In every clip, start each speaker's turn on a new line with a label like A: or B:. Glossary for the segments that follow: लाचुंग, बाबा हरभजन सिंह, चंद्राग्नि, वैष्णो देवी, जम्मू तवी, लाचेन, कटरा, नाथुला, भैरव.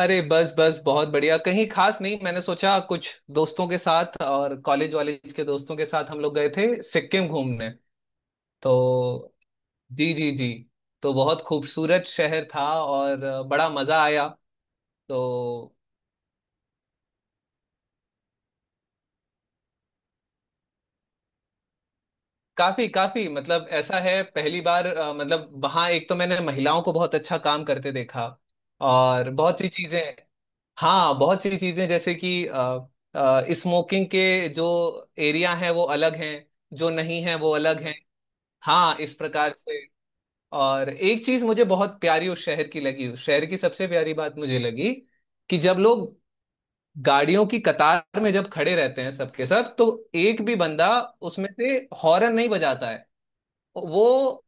A: अरे बस बस बहुत बढ़िया। कहीं खास नहीं। मैंने सोचा कुछ दोस्तों के साथ और कॉलेज वालेज के दोस्तों के साथ हम लोग गए थे सिक्किम घूमने। तो जी जी जी। तो बहुत खूबसूरत शहर था, और बड़ा मजा आया। तो काफी काफी मतलब ऐसा है, पहली बार मतलब वहां एक तो मैंने महिलाओं को बहुत अच्छा काम करते देखा। और बहुत सी चीजें। हाँ, बहुत सी चीजें जैसे कि स्मोकिंग के जो एरिया हैं वो अलग हैं, जो नहीं है वो अलग हैं। हाँ, इस प्रकार से। और एक चीज मुझे बहुत प्यारी उस शहर की लगी। उस शहर की सबसे प्यारी बात मुझे लगी कि जब लोग गाड़ियों की कतार में जब खड़े रहते हैं सबके सब, तो एक भी बंदा उसमें से हॉर्न नहीं बजाता है। वो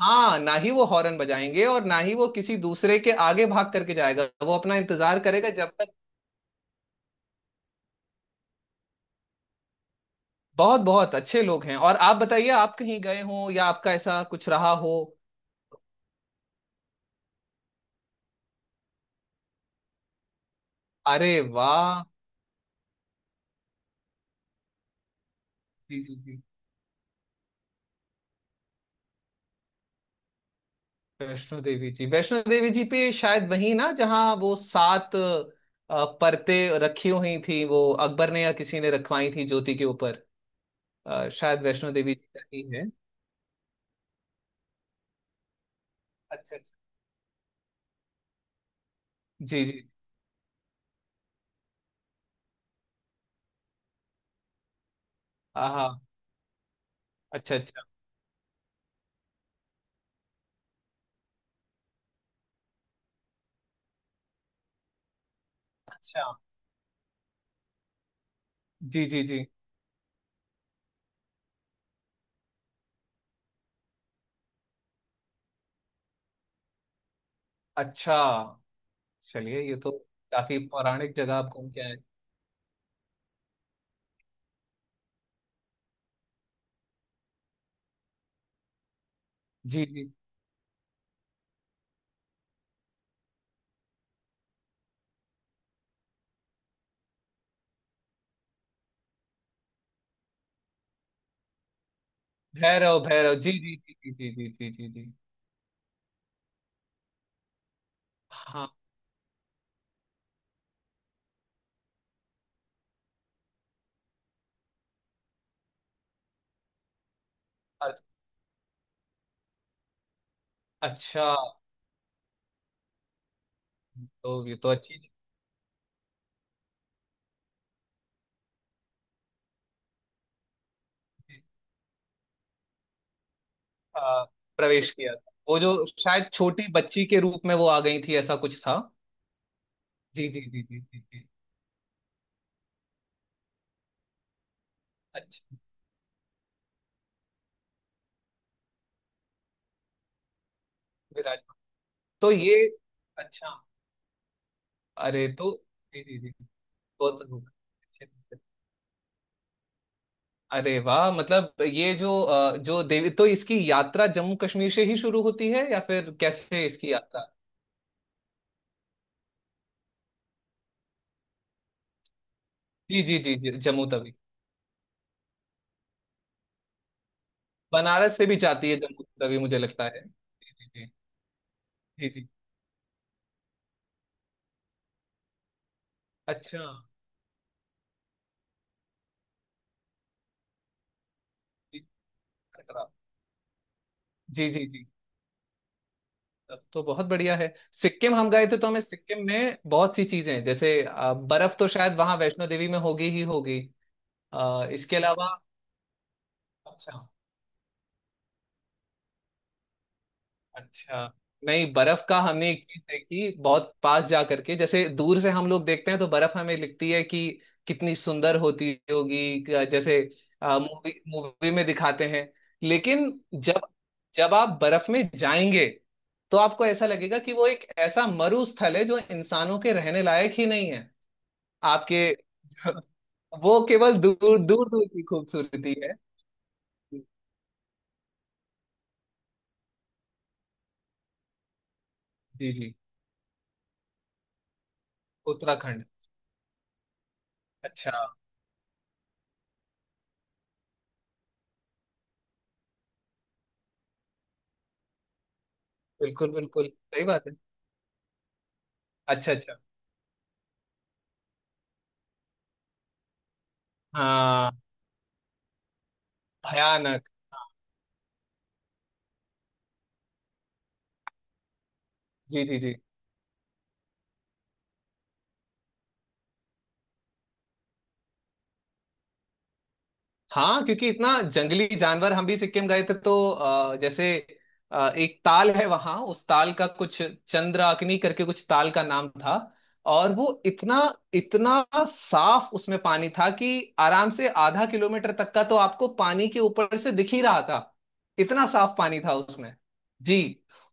A: हाँ, ना ही वो हॉर्न बजाएंगे, और ना ही वो किसी दूसरे के आगे भाग करके जाएगा, वो अपना इंतजार करेगा जब तक। बहुत बहुत अच्छे लोग हैं। और आप बताइए, आप कहीं गए हो या आपका ऐसा कुछ रहा हो? अरे वाह। जी जी जी। वैष्णो देवी जी पे शायद वही ना, जहाँ वो सात परतें रखी हुई थी। वो अकबर ने या किसी ने रखवाई थी ज्योति के ऊपर। शायद वैष्णो देवी जी का ही है। अच्छा अच्छा। जी जी। हाँ। अच्छा अच्छा अच्छा। जी जी जी। अच्छा। चलिए, ये तो काफी पौराणिक जगह आप घूम के आए। जी जी। भैरव भैरव जी जी जी जी जी जी जी जी जी। हाँ। अ- अच्छा। तो ये तो अच्छी जगह। पे, आ, प्रवेश किया था वो, जो शायद छोटी बच्ची के रूप में वो आ गई थी, ऐसा कुछ था। जी जी जी जी जी जी। अच्छा। विराज। तो ये। अच्छा। अरे तो जी जी जी, बहुत बहुत- अरे वाह, मतलब ये जो जो देवी, तो इसकी यात्रा जम्मू कश्मीर से ही शुरू होती है या फिर कैसे इसकी यात्रा? जी जी जी जी। जम्मू तवी। बनारस से भी जाती है जम्मू तवी, मुझे लगता है। जी जी जी। जी जी। अच्छा। जी। कटरा। जी जी जी। तब तो बहुत बढ़िया है। सिक्किम हम गए थे तो हमें सिक्किम में बहुत सी चीजें, जैसे बर्फ, तो शायद वहां वैष्णो देवी में होगी ही होगी। इसके अलावा। अच्छा अच्छा। नहीं, बर्फ का हमने एक चीज देखी बहुत पास जा करके। जैसे दूर से हम लोग देखते हैं तो बर्फ हमें लिखती है कि कितनी सुंदर होती होगी, जैसे मूवी मूवी में दिखाते हैं। लेकिन जब जब आप बर्फ में जाएंगे तो आपको ऐसा लगेगा कि वो एक ऐसा मरु स्थल है जो इंसानों के रहने लायक ही नहीं है। आपके वो केवल दूर दूर दूर की खूबसूरती है। जी जी। उत्तराखंड। अच्छा, बिल्कुल बिल्कुल सही बात है। अच्छा अच्छा। हाँ। भयानक। जी जी जी। हाँ, क्योंकि इतना जंगली जानवर। हम भी सिक्किम गए थे तो जैसे एक ताल है वहां। उस ताल का कुछ चंद्राग्नि करके कुछ ताल का नाम था। और वो इतना इतना साफ उसमें पानी था कि आराम से आधा किलोमीटर तक का तो आपको पानी के ऊपर से दिख ही रहा था। इतना साफ पानी था उसमें। जी।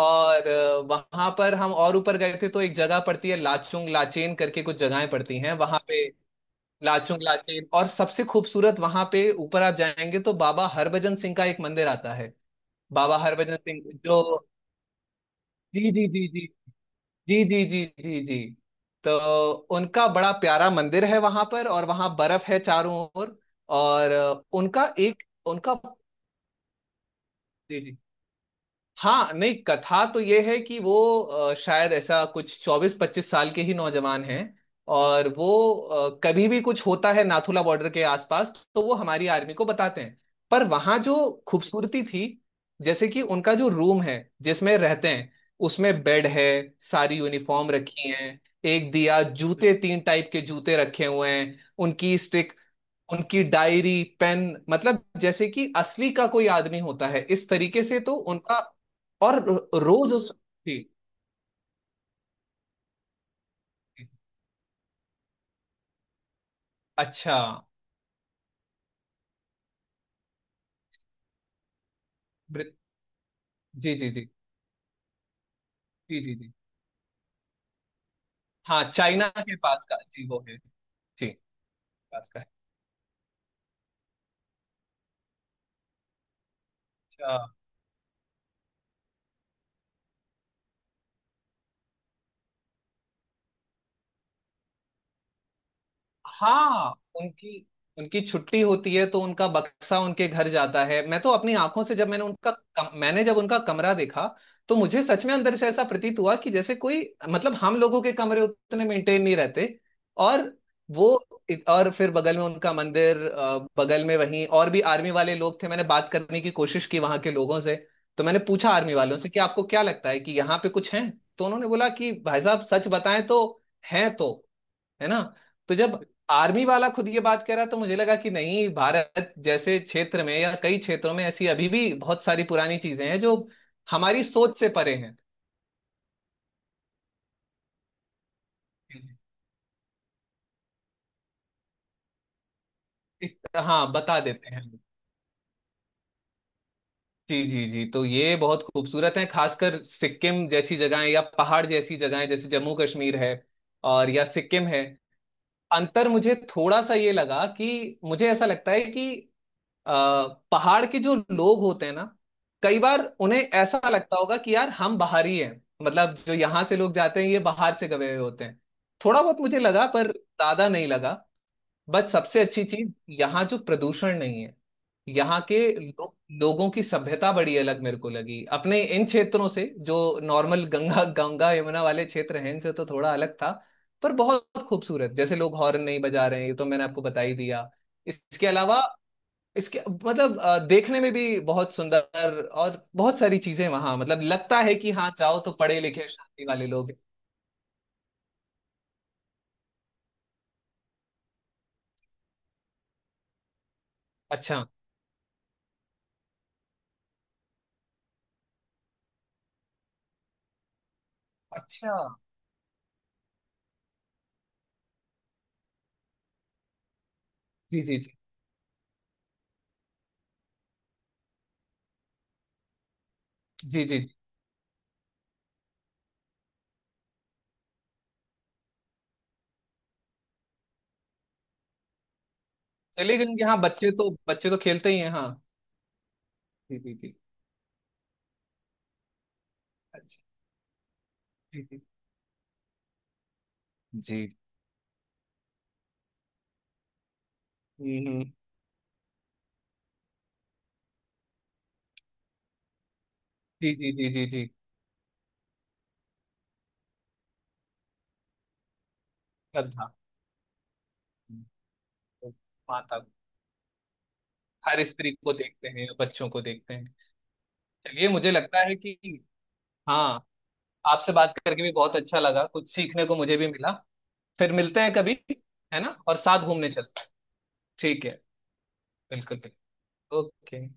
A: और वहां पर हम और ऊपर गए थे तो एक जगह पड़ती है, लाचुंग लाचेन करके कुछ जगहें पड़ती हैं वहां पे। लाचुंग लाचेन। और सबसे खूबसूरत वहां पे ऊपर आप जाएंगे तो बाबा हरभजन सिंह का एक मंदिर आता है। बाबा हरभजन सिंह जो। जी जी जी जी जी जी जी जी जी। तो उनका बड़ा प्यारा मंदिर है वहां पर, और वहां बर्फ है चारों ओर। और उनका एक उनका। जी जी। हाँ, नहीं, कथा तो ये है कि वो शायद ऐसा कुछ 24-25 साल के ही नौजवान हैं। और वो कभी भी कुछ होता है नाथुला बॉर्डर के आसपास तो वो हमारी आर्मी को बताते हैं। पर वहाँ जो खूबसूरती थी, जैसे कि उनका जो रूम है जिसमें रहते हैं, उसमें बेड है, सारी यूनिफॉर्म रखी है, एक दिया, जूते, तीन टाइप के जूते रखे हुए हैं, उनकी स्टिक, उनकी डायरी पेन, मतलब जैसे कि असली का कोई आदमी होता है इस तरीके से तो उनका। और रोज उस। जी जी। अच्छा। ब्रि-। जी जी जी जी जी जी। हाँ, चाइना के पास का जी वो है। जी। पास का है। हाँ। उनकी उनकी छुट्टी होती है तो उनका बक्सा उनके घर जाता है। मैं तो अपनी आंखों से, जब मैंने मैंने जब उनका कमरा देखा, तो मुझे सच में अंदर से ऐसा प्रतीत हुआ कि जैसे कोई, मतलब हम लोगों के कमरे उतने मेंटेन नहीं रहते। और वो। और फिर बगल में उनका मंदिर, बगल में वहीं, और भी आर्मी वाले लोग थे। मैंने बात करने की कोशिश की वहां के लोगों से। तो मैंने पूछा आर्मी वालों से कि आपको क्या लगता है कि यहाँ पे कुछ है? तो उन्होंने बोला कि भाई साहब सच बताएं तो, हैं तो। है ना। तो जब आर्मी वाला खुद ये बात कह रहा तो मुझे लगा कि नहीं, भारत जैसे क्षेत्र में या कई क्षेत्रों में ऐसी अभी भी बहुत सारी पुरानी चीजें हैं जो हमारी सोच से परे हैं। हाँ, बता देते हैं। जी जी जी। तो ये बहुत खूबसूरत है, खासकर सिक्किम जैसी जगहें या पहाड़ जैसी जगहें, जैसे जम्मू कश्मीर है और या सिक्किम है। अंतर मुझे थोड़ा सा ये लगा, कि मुझे ऐसा लगता है कि पहाड़ के जो लोग होते हैं ना, कई बार उन्हें ऐसा लगता होगा कि यार हम बाहरी हैं, मतलब जो यहाँ से लोग जाते हैं ये बाहर से गए हुए होते हैं। थोड़ा बहुत मुझे लगा, पर ज्यादा नहीं लगा। बट सबसे अच्छी चीज, यहाँ जो प्रदूषण नहीं है। यहाँ के लोगों की सभ्यता बड़ी अलग मेरे को लगी अपने इन क्षेत्रों से, जो नॉर्मल गंगा गंगा यमुना वाले क्षेत्र हैं, इनसे तो थोड़ा अलग था। पर बहुत खूबसूरत। जैसे लोग हॉर्न नहीं बजा रहे हैं, ये तो मैंने आपको बता ही दिया। इसके अलावा, इसके मतलब देखने में भी बहुत सुंदर, और बहुत सारी चीजें वहां, मतलब लगता है कि हाँ जाओ तो पढ़े लिखे शादी वाले लोग हैं। अच्छा अच्छा। जी जी जी जी जी जी। चलिए, क्योंकि हाँ बच्चे तो खेलते ही हैं। हाँ। जी जी जी। अच्छा। जी जी जी। हम्म, हम्म। जी जी जी जी जी। श्रद्धा। हम्म, माता। हर स्त्री को देखते हैं, बच्चों को देखते हैं। चलिए, मुझे लगता है कि, हाँ, आपसे बात करके भी बहुत अच्छा लगा, कुछ सीखने को मुझे भी मिला। फिर मिलते हैं कभी। है ना? और साथ घूमने चलते हैं। ठीक है। बिल्कुल बिल्कुल। ओके।